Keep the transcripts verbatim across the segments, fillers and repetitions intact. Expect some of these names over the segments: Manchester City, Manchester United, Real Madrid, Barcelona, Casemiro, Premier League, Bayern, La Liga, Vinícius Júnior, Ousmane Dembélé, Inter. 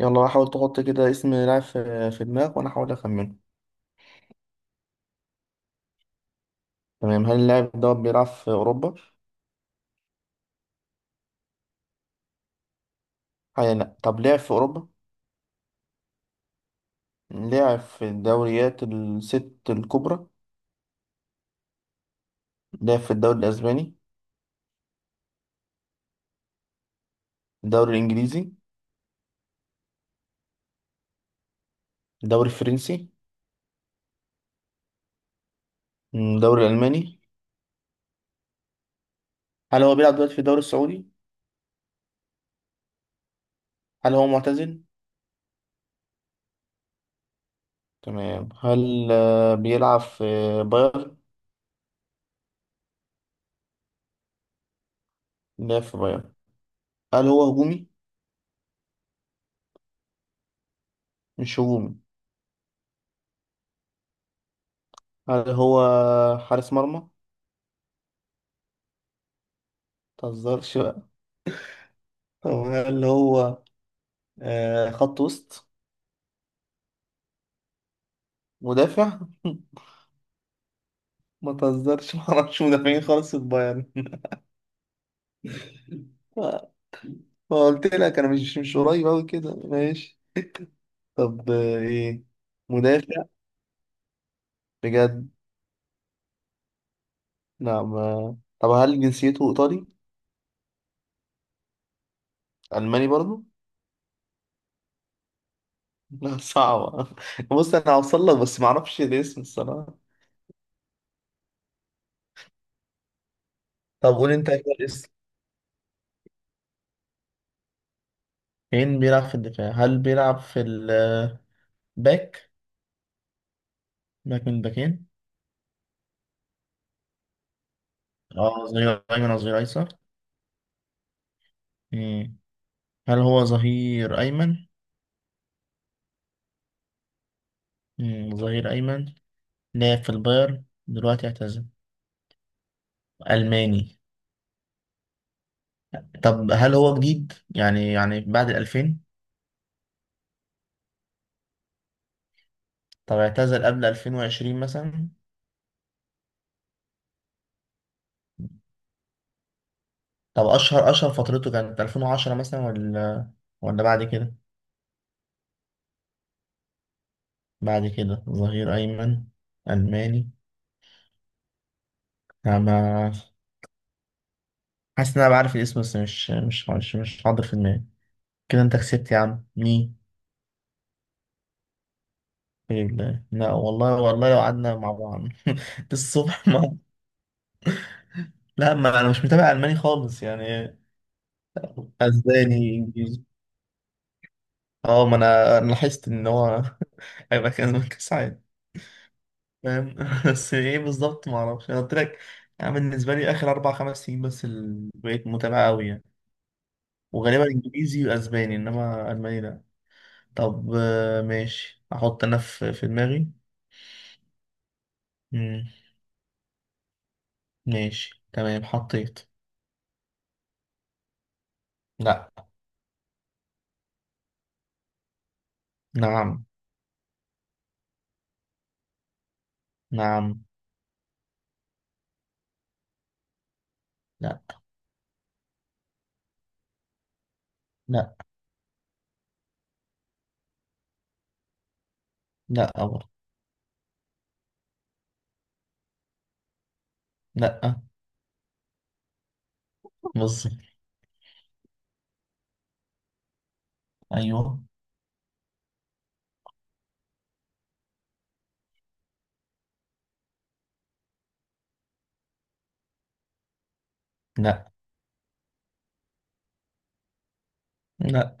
يلا حاول تحط كده اسم لاعب في في دماغك وانا احاول اخمنه. تمام، هل اللاعب ده بيلعب في اوروبا؟ حاليا لا. طب لعب في اوروبا؟ لعب في الدوريات الست الكبرى؟ لعب في الدوري الاسباني؟ الدوري الانجليزي؟ الدوري الفرنسي؟ مم، الدوري الالماني؟ هل هو بيلعب دلوقتي في الدوري السعودي؟ هل هو معتزل؟ تمام، هل آه، بيلعب في بايرن؟ لعب في بايرن. هل هو هجومي؟ مش هجومي؟ هل هو حارس مرمى؟ متهزرش بقى. طب هل هو آه خط وسط؟ مدافع؟ ما تهزرش، ما اعرفش مدافعين خالص في البايرن. ما قلت لك انا مش مش قريب قوي كده، ماشي. طب آه، ايه؟ مدافع؟ بجد؟ لا ما. طب هل جنسيته ايطالي؟ الماني برضو؟ لا، صعبة. بص انا هوصل لك بس ما اعرفش الاسم الصراحة. طب قول انت كده الاسم. مين بيلعب في الدفاع؟ هل بيلعب في الباك؟ باك. من باك، من الباكين. اه، ظهير ايمن او ظهير ايسر. مم. هل هو ظهير ايمن؟ مم، ظهير أيمن. لعب في البايرن، دلوقتي اعتزل، ألماني. طب هل هو جديد يعني يعني بعد الألفين؟ طب اعتزل قبل ألفين وعشرين مثلا؟ طب أشهر أشهر فترته كانت ألفين وعشرة مثلا؟ ولا؟ ولا بعد كده؟ بعد كده. ظهير أيمن، ألماني. أنا ما- حاسس إن أنا بعرف الاسم بس مش مش مش, مش حاضر في دماغي. كده أنت كسبت يا عم، مين؟ لا لا، والله والله لو قعدنا مع بعض الصبح ما. لا ما، أنا مش متابع ألماني خالص يعني. اسباني، انجليزي. اه ما انا أنا لاحظت ان هو هيبقى كان كاس عالم. فاهم؟ بس ايه بالظبط؟ ما اعرفش، انا قلت لك. يعني بالنسبه لي اخر اربع خمس سنين بس اللي بقيت متابع قوي يعني، وغالبا انجليزي واسباني، انما الماني لا. طب آه، ماشي، احط انا في في دماغي. مم، ماشي تمام، حطيت. لا. نعم. نعم. لا. لا. لا أبر. لا. بالظبط. ايوه. لا. لا.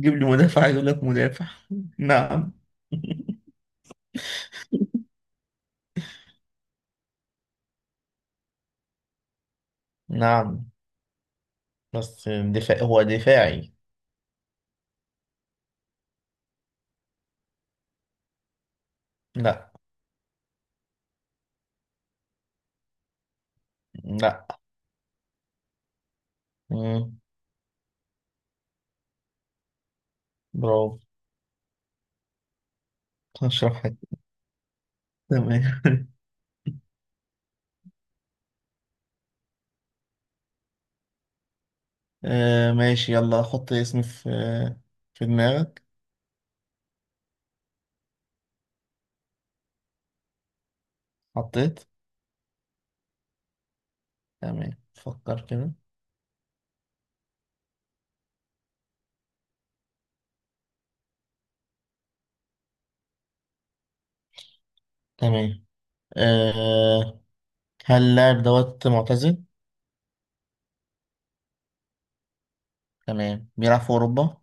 جيب لي مدافع، عايز اقول لك مدافع. نعم. نعم بس دفاع، هو دفاعي. لا. لا. مم. برافو. اشرح حاجة. تمام. آه ماشي يلا حط اسمي في في دماغك. حطيت. تمام، فكر كده. تمام. آه هل اللاعب دوت معتزل؟ تمام، بيلعب في أوروبا.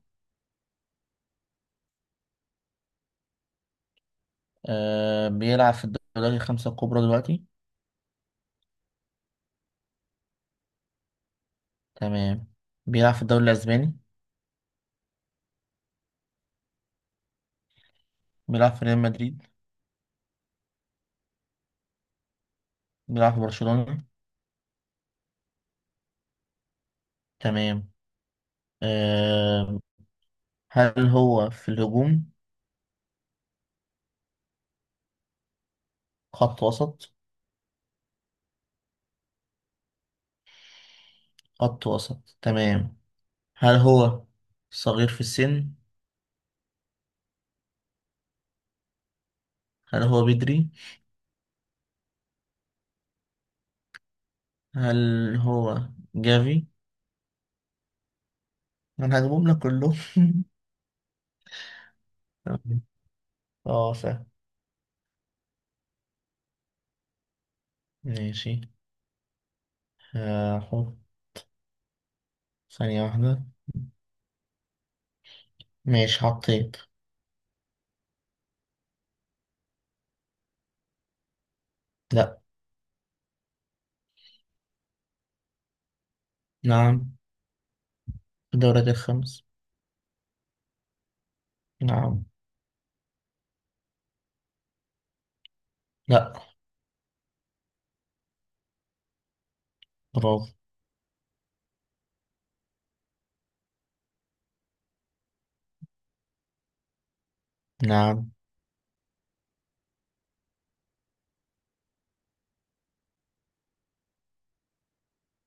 آه بيلعب في الدوري الخمسة الكبرى دلوقتي. تمام. بيلعب في الدوري الأسباني؟ بيلعب في ريال مدريد؟ بيلعب في برشلونة؟ تمام. آه هل هو في الهجوم؟ خط وسط؟ خط وسط تمام. هل هو صغير في السن؟ هل هو بدري؟ هل هو جافي؟ انا هجيبهم لك كلهم. تمام. اه سهل. ماشي، هحط، ثانية واحدة. ماشي حطيت. لا. نعم. في الدوريات الخمس. نعم. لا. برافو. نعم.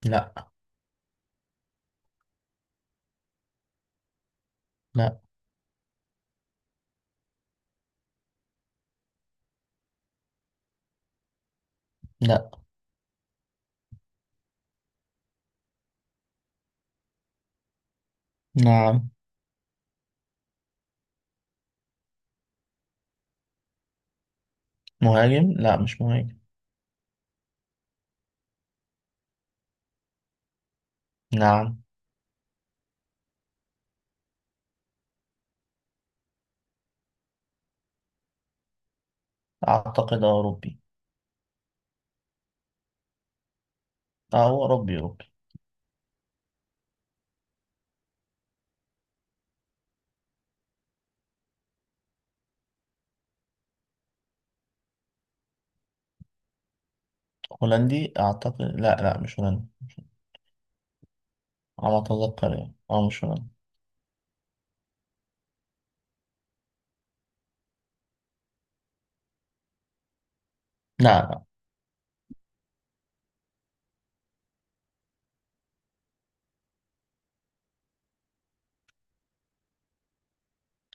لا. لا. لا. نعم. مهاجم؟ لا مش مهاجم. نعم. أعتقد أوروبي. أه هو أوروبي أوروبي. هولندي أعتقد؟ لا لا، مش هولندي. على ما أتذكر يعني، أه مش هولندي. لا. لا.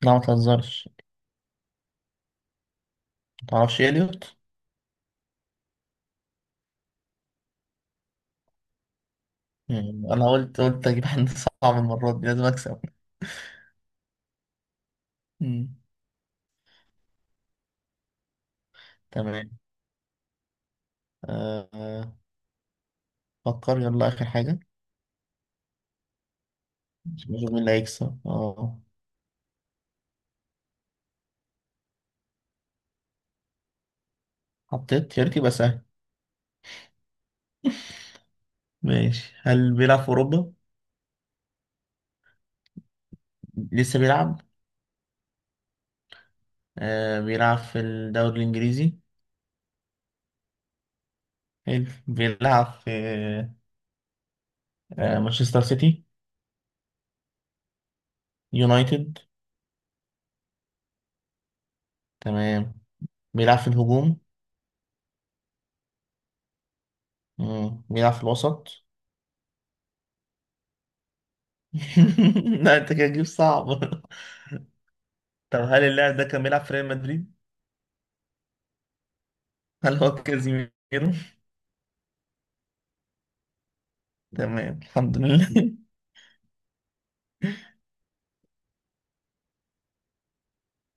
لا ما تهزرش. متعرفش إليوت؟ مم. أنا قلت قلت أجيب حد صعب، المرة دي لازم أكسب. مم. تمام. أه آه، فكر يلا آخر حاجة. نشوف مين اللي هيكسب. أه حطيت يا ريت يبقى سهل. ماشي، هل بيلعب في أوروبا؟ لسه بيلعب؟ أه بيلعب في الدوري الإنجليزي. حلو، بيلعب في آه، مانشستر سيتي؟ يونايتد؟ تمام. بيلعب في الهجوم؟ مم. بيلعب في الوسط. لا انت كده تجيب صعب. طب هل اللاعب ده كان بيلعب في ريال مدريد؟ هل هو كازيميرو؟ تمام، الحمد لله.